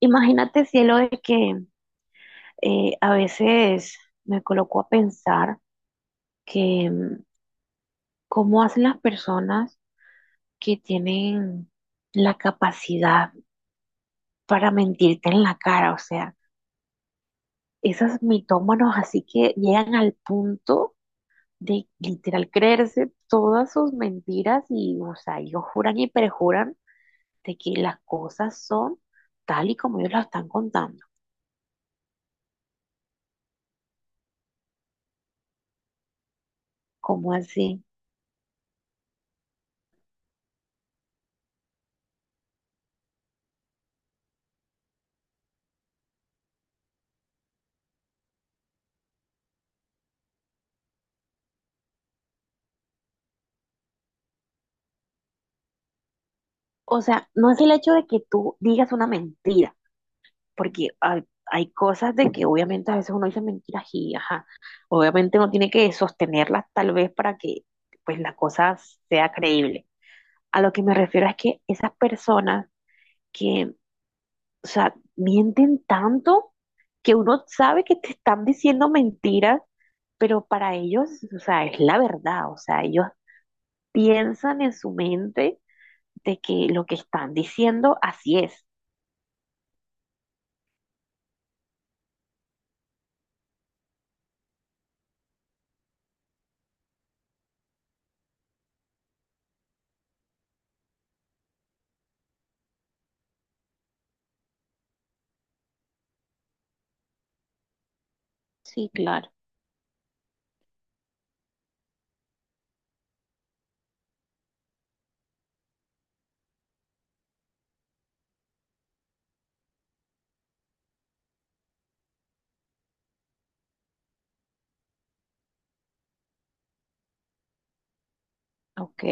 Imagínate, cielo, de que a veces me coloco a pensar que mm, cómo hacen las personas que tienen la capacidad para mentirte en la cara, o sea, esos mitómanos así que llegan al punto de literal creerse todas sus mentiras y, o sea, ellos juran y perjuran de que las cosas son tal y como ellos las están contando. ¿Cómo así? O sea, no es el hecho de que tú digas una mentira porque hay cosas de que obviamente a veces uno dice mentiras y, ajá, obviamente uno tiene que sostenerlas tal vez para que pues la cosa sea creíble. A lo que me refiero es que esas personas que, o sea, mienten tanto que uno sabe que te están diciendo mentiras, pero para ellos, o sea, es la verdad, o sea, ellos piensan en su mente de que lo que están diciendo así es. Sí, claro. Ok,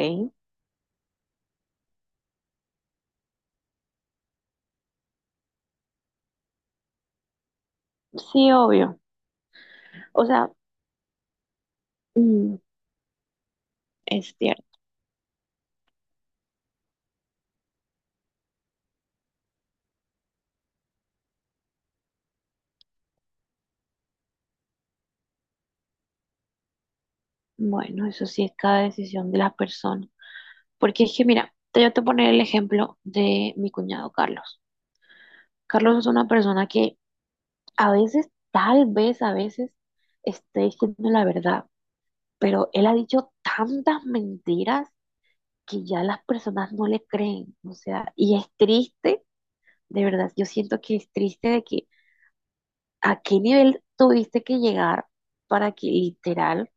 sí, obvio. O sea, mm, es cierto. Bueno, eso sí es cada decisión de la persona. Porque es que, mira, te voy a poner el ejemplo de mi cuñado Carlos. Carlos es una persona que a veces, tal vez a veces, esté diciendo la verdad, pero él ha dicho tantas mentiras que ya las personas no le creen. O sea, y es triste, de verdad, yo siento que es triste de que a qué nivel tuviste que llegar para que literal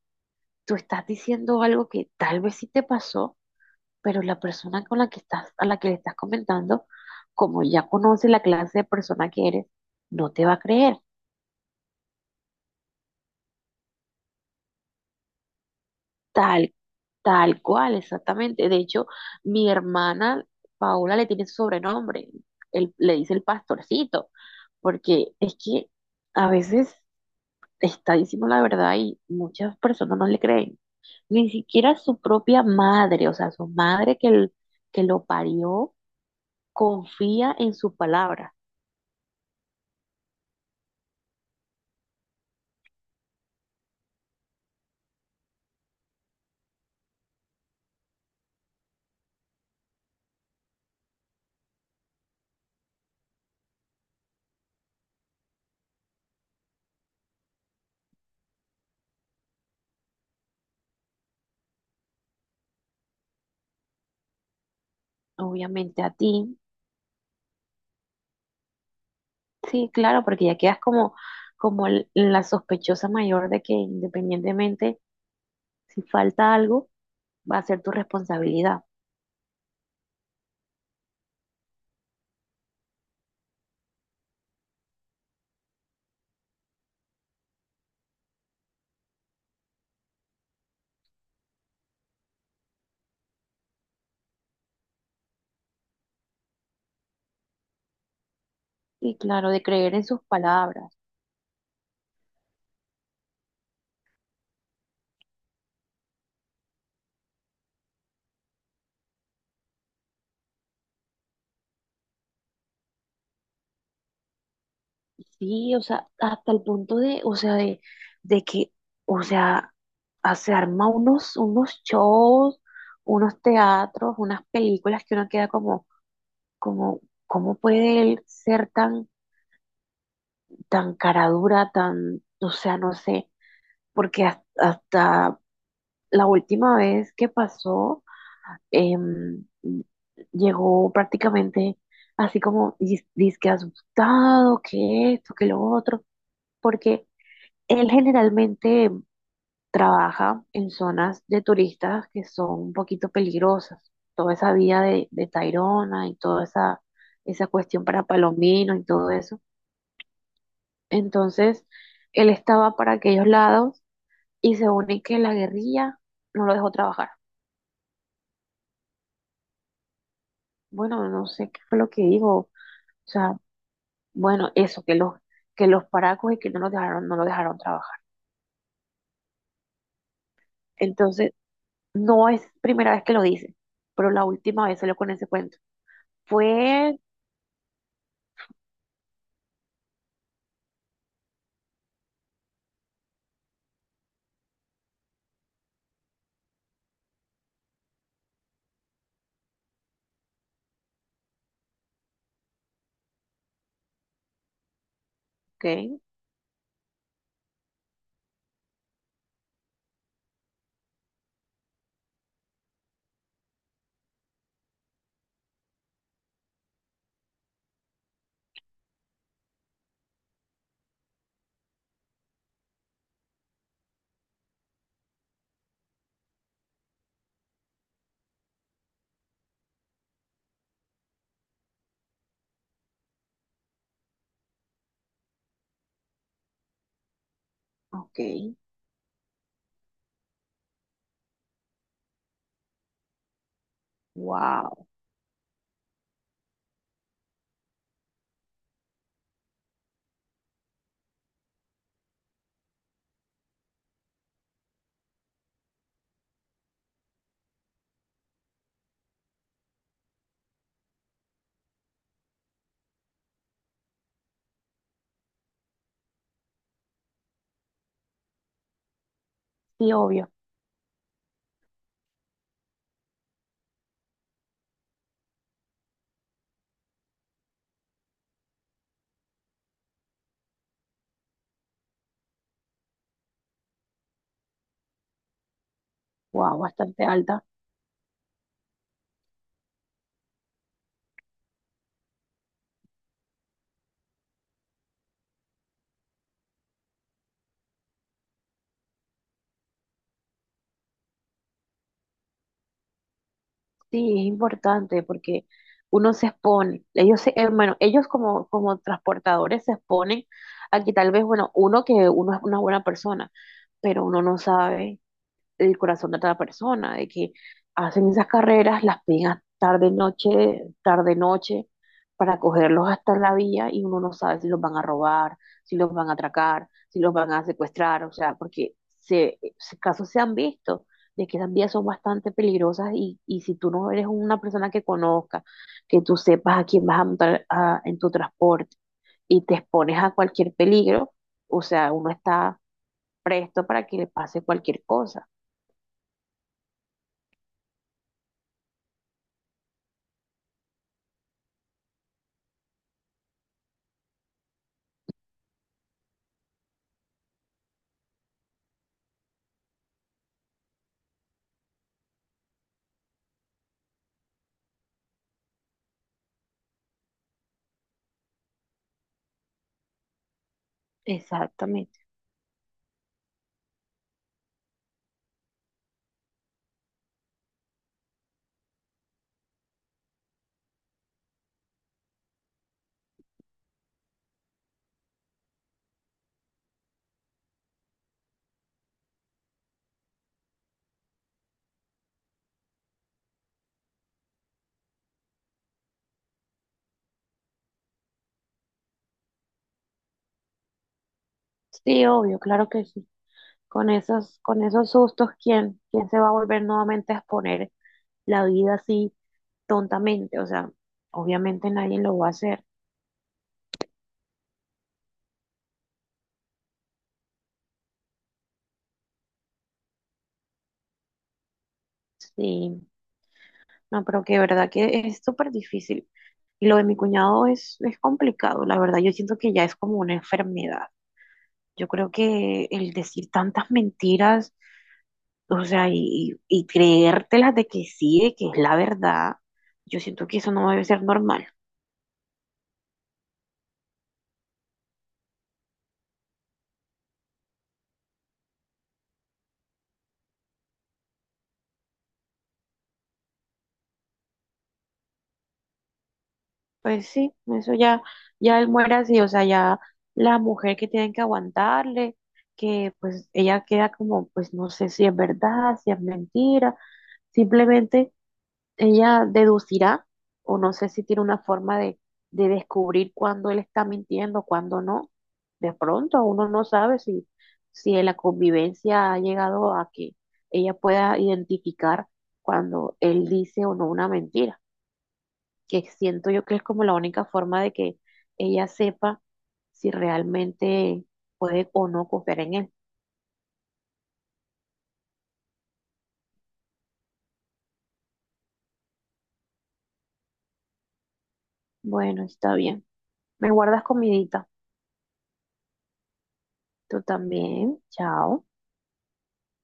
tú estás diciendo algo que tal vez sí te pasó pero la persona con la que estás, a la que le estás comentando, como ya conoce la clase de persona que eres, no te va a creer, tal, tal cual, exactamente. De hecho, mi hermana Paola le tiene su sobrenombre, él, le dice el pastorcito, porque es que a veces está diciendo la verdad y muchas personas no le creen. Ni siquiera su propia madre, o sea, su madre que, que lo parió, confía en su palabra. Obviamente a ti. Sí, claro, porque ya quedas como, como la sospechosa mayor de que independientemente si falta algo, va a ser tu responsabilidad. Y claro, de creer en sus palabras. Sí, o sea, hasta el punto de, o sea, de que, o sea, ah, se arma unos, unos shows, unos teatros, unas películas que uno queda como, como, ¿cómo puede él ser tan, tan cara dura, tan, o sea, no sé, porque hasta, la última vez que pasó, em, llegó prácticamente así como dizque asustado, que esto, que lo otro, porque él generalmente trabaja en zonas de turistas que son un poquito peligrosas. Toda esa vía de Tayrona y toda esa, esa cuestión para Palomino y todo eso. Entonces, él estaba para aquellos lados y se une que la guerrilla no lo dejó trabajar. Bueno, no sé qué fue lo que dijo. O sea, bueno, eso, que los paracos y que no los dejaron, no lo dejaron trabajar. Entonces, no es primera vez que lo dice, pero la última vez salió con ese cuento. Fue, ok, ok, wow. Sí, obvio, wow, bastante alta. Sí, es importante porque uno se expone. Ellos se, bueno, ellos como, como transportadores se exponen a que tal vez, bueno, uno que uno es una buena persona, pero uno no sabe. El corazón de cada persona, de que hacen esas carreras, las pegan tarde, noche, para cogerlos hasta la vía y uno no sabe si los van a robar, si los van a atracar, si los van a secuestrar, o sea, porque se, casos se han visto de que esas vías son bastante peligrosas y si tú no eres una persona que conozca, que tú sepas a quién vas a montar en tu transporte y te expones a cualquier peligro, o sea, uno está presto para que le pase cualquier cosa. Exactamente. Sí, obvio, claro que sí. Con esos sustos, ¿quién, quién se va a volver nuevamente a exponer la vida así tontamente? O sea, obviamente nadie lo va a hacer. Sí, no, pero que de verdad que es súper difícil. Y lo de mi cuñado es complicado, la verdad. Yo siento que ya es como una enfermedad. Yo creo que el decir tantas mentiras, o sea, y creértelas de que sí, de que es la verdad, yo siento que eso no debe ser normal. Pues sí, eso ya, ya él muere así, o sea, ya la mujer que tienen que aguantarle, que pues ella queda como, pues no sé si es verdad, si es mentira, simplemente ella deducirá, o no sé si tiene una forma de descubrir cuándo él está mintiendo, cuándo no. De pronto uno no sabe si, si en la convivencia ha llegado a que ella pueda identificar cuando él dice o no una mentira, que siento yo que es como la única forma de que ella sepa si realmente puede o no confiar en él. Bueno, está bien. Me guardas comidita. Tú también. Chao.